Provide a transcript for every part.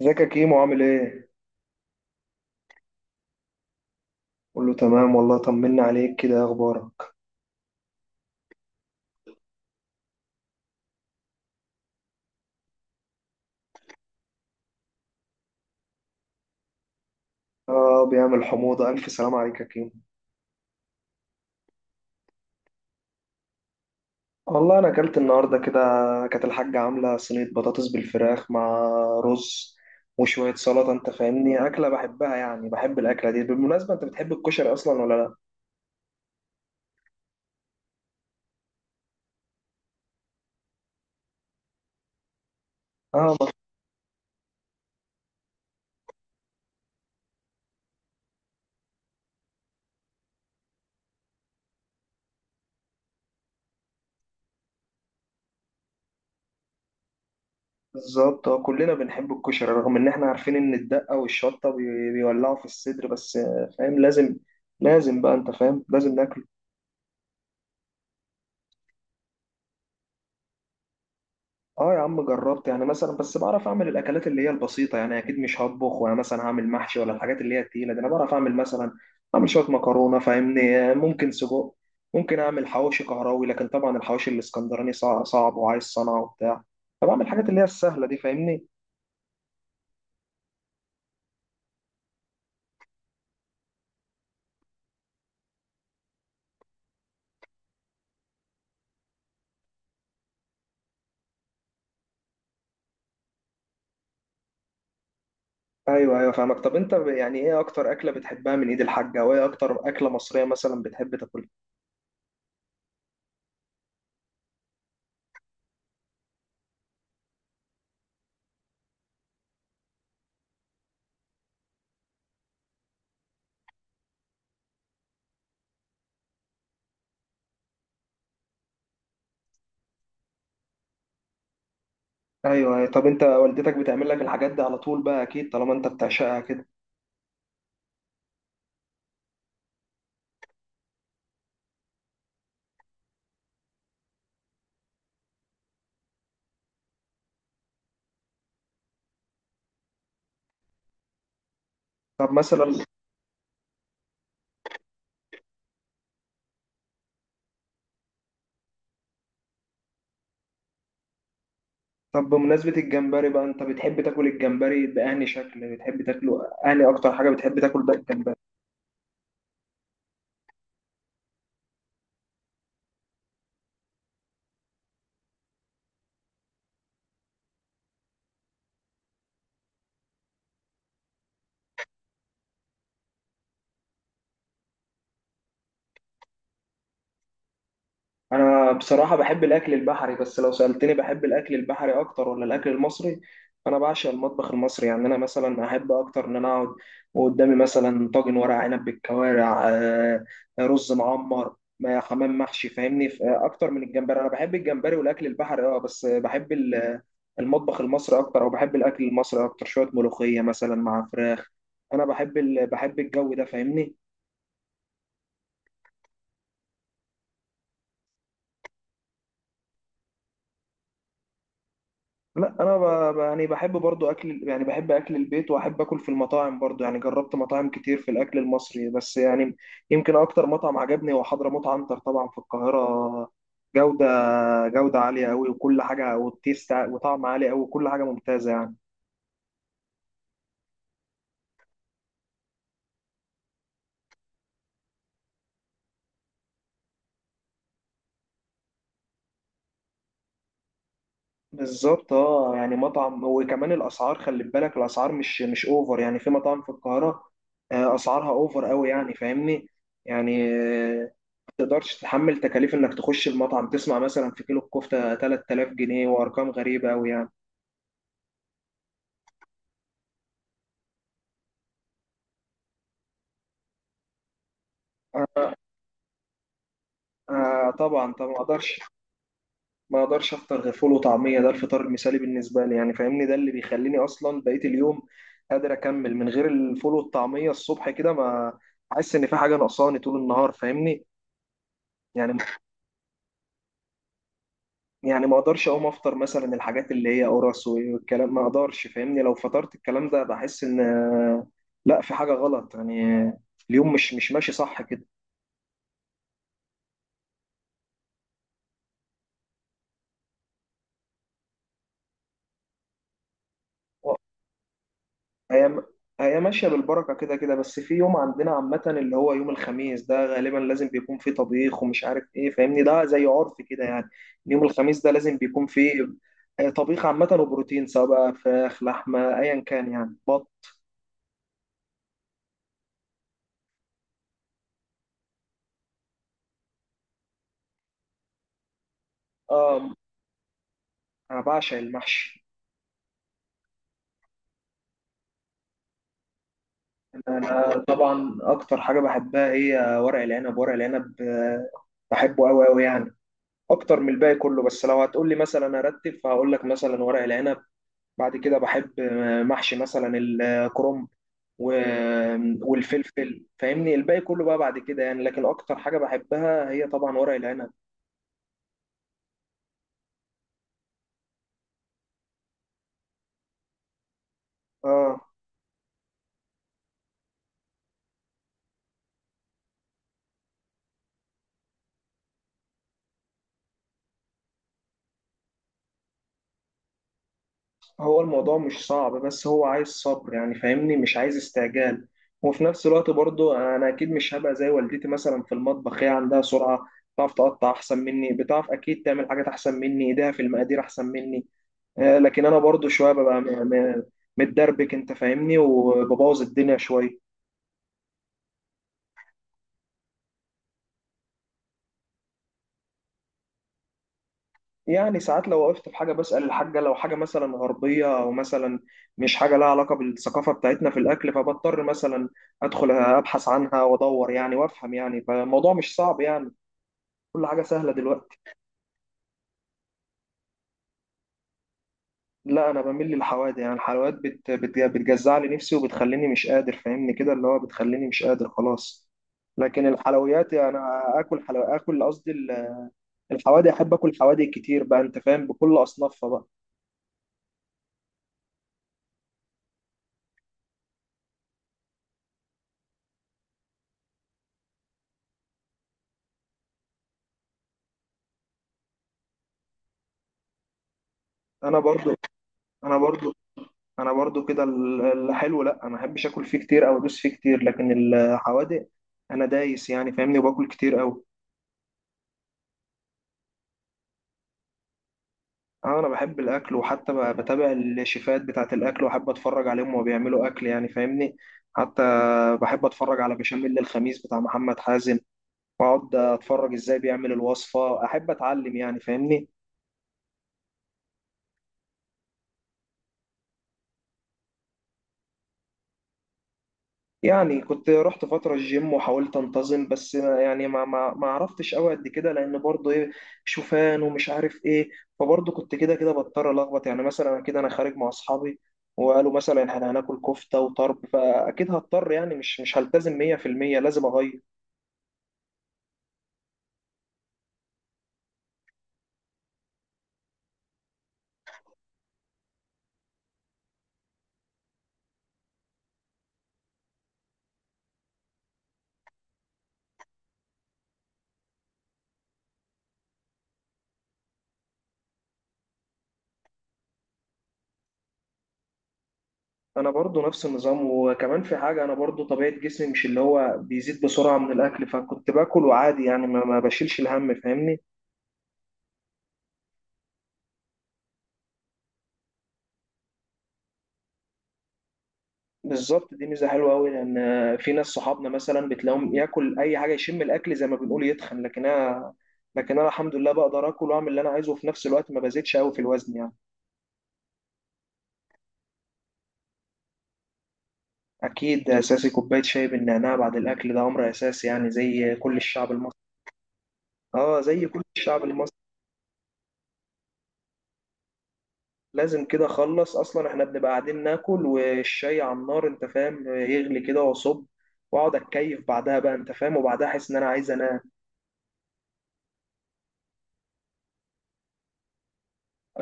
ازيك يا كيمو عامل ايه؟ قول له تمام. والله طمنا عليك كده، ايه اخبارك؟ اه، بيعمل حموضة. الف سلام عليك يا كيمو. والله انا اكلت النهارده كده، كانت الحاجة عاملة صينية بطاطس بالفراخ مع رز وشوية سلطة. انت فاهمني اكلة بحبها، يعني بحب الاكلة دي. بالمناسبة، انت بتحب الكشري اصلا ولا لا؟ اه، بالظبط. اه، كلنا بنحب الكشري، رغم ان احنا عارفين ان الدقة والشطة بيولعوا في الصدر. بس فاهم، لازم لازم بقى، انت فاهم لازم ناكله. اه يا عم، جربت يعني مثلا، بس بعرف اعمل الاكلات اللي هي البسيطه. يعني اكيد مش هطبخ وانا مثلا هعمل محشي ولا الحاجات اللي هي التقيله دي. انا بعرف اعمل مثلا، اعمل شويه مكرونه فاهمني، ممكن سجق، ممكن اعمل حواوشي كهراوي. لكن طبعا الحواوشي الاسكندراني صعب وعايز صنعه وبتاع. فبعمل الحاجات اللي هي السهله دي فاهمني. ايوه ايوه، فاهمك. طب انت يعني ايه اكتر اكله بتحبها من ايد الحاجه، وايه اكتر اكله مصريه مثلا بتحب تاكلها؟ ايوه ايوه. طب انت والدتك بتعمل لك الحاجات دي على طول بقى اكيد طالما انت بتعشقها كده؟ طب مثلا طب بمناسبة الجمبري بقى، انت بتحب تاكل الجمبري بأنهي شكل، بتحب تاكله أنهي أكتر حاجة بتحب تاكل بقى الجمبري؟ انا بصراحه بحب الاكل البحري، بس لو سالتني بحب الاكل البحري اكتر ولا الاكل المصري، انا بعشق المطبخ المصري. يعني انا مثلا احب اكتر ان انا اقعد وقدامي مثلا طاجن ورق عنب بالكوارع، رز معمر، حمام محشي فاهمني. اكتر من الجمبري، انا بحب الجمبري والاكل البحري اه، بس بحب المطبخ المصري اكتر. او بحب الاكل المصري اكتر، شويه ملوخيه مثلا مع فراخ. انا بحب الجو ده فاهمني. لا انا يعني بحب برضو اكل، يعني بحب اكل البيت واحب اكل في المطاعم برضو. يعني جربت مطاعم كتير في الاكل المصري، بس يعني يمكن اكتر مطعم عجبني هو حضرموت عنتر، طبعا في القاهرة. جودة جودة عالية قوي وكل حاجة. والتيست وطعم عالي قوي وكل حاجة ممتازة يعني. بالظبط اه. يعني مطعم وكمان الاسعار، خلي بالك، الاسعار مش اوفر. يعني في مطاعم في القاهره اسعارها اوفر قوي يعني فاهمني. يعني ما تقدرش تتحمل تكاليف انك تخش المطعم، تسمع مثلا في كيلو الكفته 3000 جنيه، وارقام غريبه قوي يعني. آه طبعا طبعا، ما اقدرش افطر غير فول وطعميه. ده الفطار المثالي بالنسبه لي يعني فاهمني، ده اللي بيخليني اصلا بقيه اليوم قادر اكمل. من غير الفول والطعميه الصبح كده، ما احس ان في حاجه ناقصاني طول النهار فاهمني. يعني يعني ما اقدرش اقوم افطر مثلا الحاجات اللي هي قرص والكلام، ما اقدرش فاهمني. لو فطرت الكلام ده بحس ان لا، في حاجه غلط يعني. اليوم مش ماشي صح كده. هي هي ماشيه بالبركه كده كده. بس في يوم عندنا عامه اللي هو يوم الخميس، ده غالبا لازم بيكون فيه طبيخ ومش عارف ايه فاهمني. ده زي عرف كده يعني. يوم الخميس ده لازم بيكون فيه طبيخ عامه وبروتين، سواء بقى فراخ لحمه ايا كان يعني، بط. اه، انا بعشق المحشي. أنا طبعا أكتر حاجة بحبها هي ورق العنب، ورق العنب بحبه أوي أوي يعني. أكتر من الباقي كله. بس لو هتقولي مثلا أرتب، فهقول لك مثلا ورق العنب. بعد كده بحب محشي مثلا الكرنب و- والفلفل فاهمني. الباقي كله بقى بعد كده يعني، لكن أكتر حاجة بحبها هي طبعا ورق العنب. آه. هو الموضوع مش صعب، بس هو عايز صبر يعني فاهمني، مش عايز استعجال. وفي نفس الوقت برضو انا اكيد مش هبقى زي والدتي مثلا في المطبخ. هي عندها سرعة، بتعرف تقطع احسن مني، بتعرف اكيد تعمل حاجات احسن مني، ايديها في المقادير احسن مني لكن انا برضو شوية ببقى متدربك انت فاهمني، وببوظ الدنيا شوية. يعني ساعات لو وقفت في حاجة بسأل الحاجة. لو حاجة مثلا غربية أو مثلا مش حاجة لها علاقة بالثقافة بتاعتنا في الأكل، فبضطر مثلا أدخل أبحث عنها وأدور يعني وأفهم يعني. فالموضوع مش صعب يعني، كل حاجة سهلة دلوقتي. لا، أنا بميل للحوادق. يعني الحلويات بت بت بتجزع لي نفسي وبتخليني مش قادر فاهمني، كده اللي هو بتخليني مش قادر خلاص. لكن الحلويات يعني أنا آكل حلو، آكل قصدي الحوادق. أحب آكل حوادق كتير بقى، أنت فاهم، بكل أصنافها بقى. أنا برضو أنا برضو انا برضو كده الحلو لا، ما احبش اكل فيه كتير او ادوس فيه كتير. لكن الحوادق انا دايس يعني فاهمني، وباكل كتير قوي. اه، انا بحب الاكل، وحتى بتابع الشيفات بتاعه الاكل، واحب اتفرج عليهم وهو بيعملوا اكل يعني فاهمني. حتى بحب اتفرج على بشاميل الخميس بتاع محمد حازم، واقعد اتفرج ازاي بيعمل الوصفه، احب اتعلم يعني فاهمني. يعني كنت رحت فترة الجيم وحاولت انتظم، بس يعني ما عرفتش قوي قد كده. لان برضه ايه، شوفان ومش عارف ايه. فبرضه كنت كده كده بضطر الخبط. يعني مثلا كده انا خارج مع اصحابي وقالوا مثلا احنا هناكل كفتة وطرب، فاكيد هضطر يعني مش هلتزم 100%، لازم اغير. انا برضه نفس النظام، وكمان في حاجة، انا برضه طبيعة جسمي مش اللي هو بيزيد بسرعة من الاكل، فكنت باكل وعادي يعني ما بشيلش الهم فاهمني. بالظبط، دي ميزه حلوه قوي. لان في ناس صحابنا مثلا بتلاقيهم ياكل اي حاجه، يشم الاكل زي ما بنقول يتخن. لكن انا الحمد لله بقدر اكل واعمل اللي انا عايزه، وفي نفس الوقت ما بزيدش قوي في الوزن يعني. اكيد، اساسي كوبايه شاي بالنعناع بعد الاكل، ده امر اساسي يعني زي كل الشعب المصري. اه، زي كل الشعب المصري. لازم كده. اخلص اصلا، احنا بنبقى قاعدين ناكل والشاي على النار انت فاهم، يغلي كده واصب، واقعد اتكيف بعدها بقى انت فاهم. وبعدها احس ان انا عايز انام.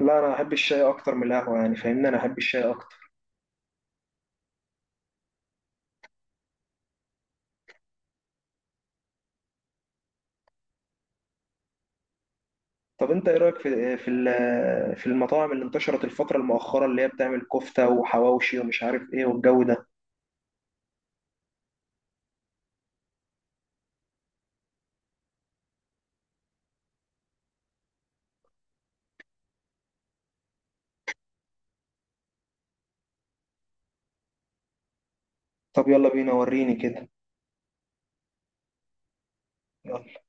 لا، انا احب الشاي اكتر من القهوه يعني فاهمني، انا احب الشاي اكتر. طب انت ايه رايك في المطاعم اللي انتشرت الفتره المؤخره، اللي هي بتعمل كفته وحواوشي ومش عارف ايه والجو ده؟ طب يلا بينا، وريني كده. يلا.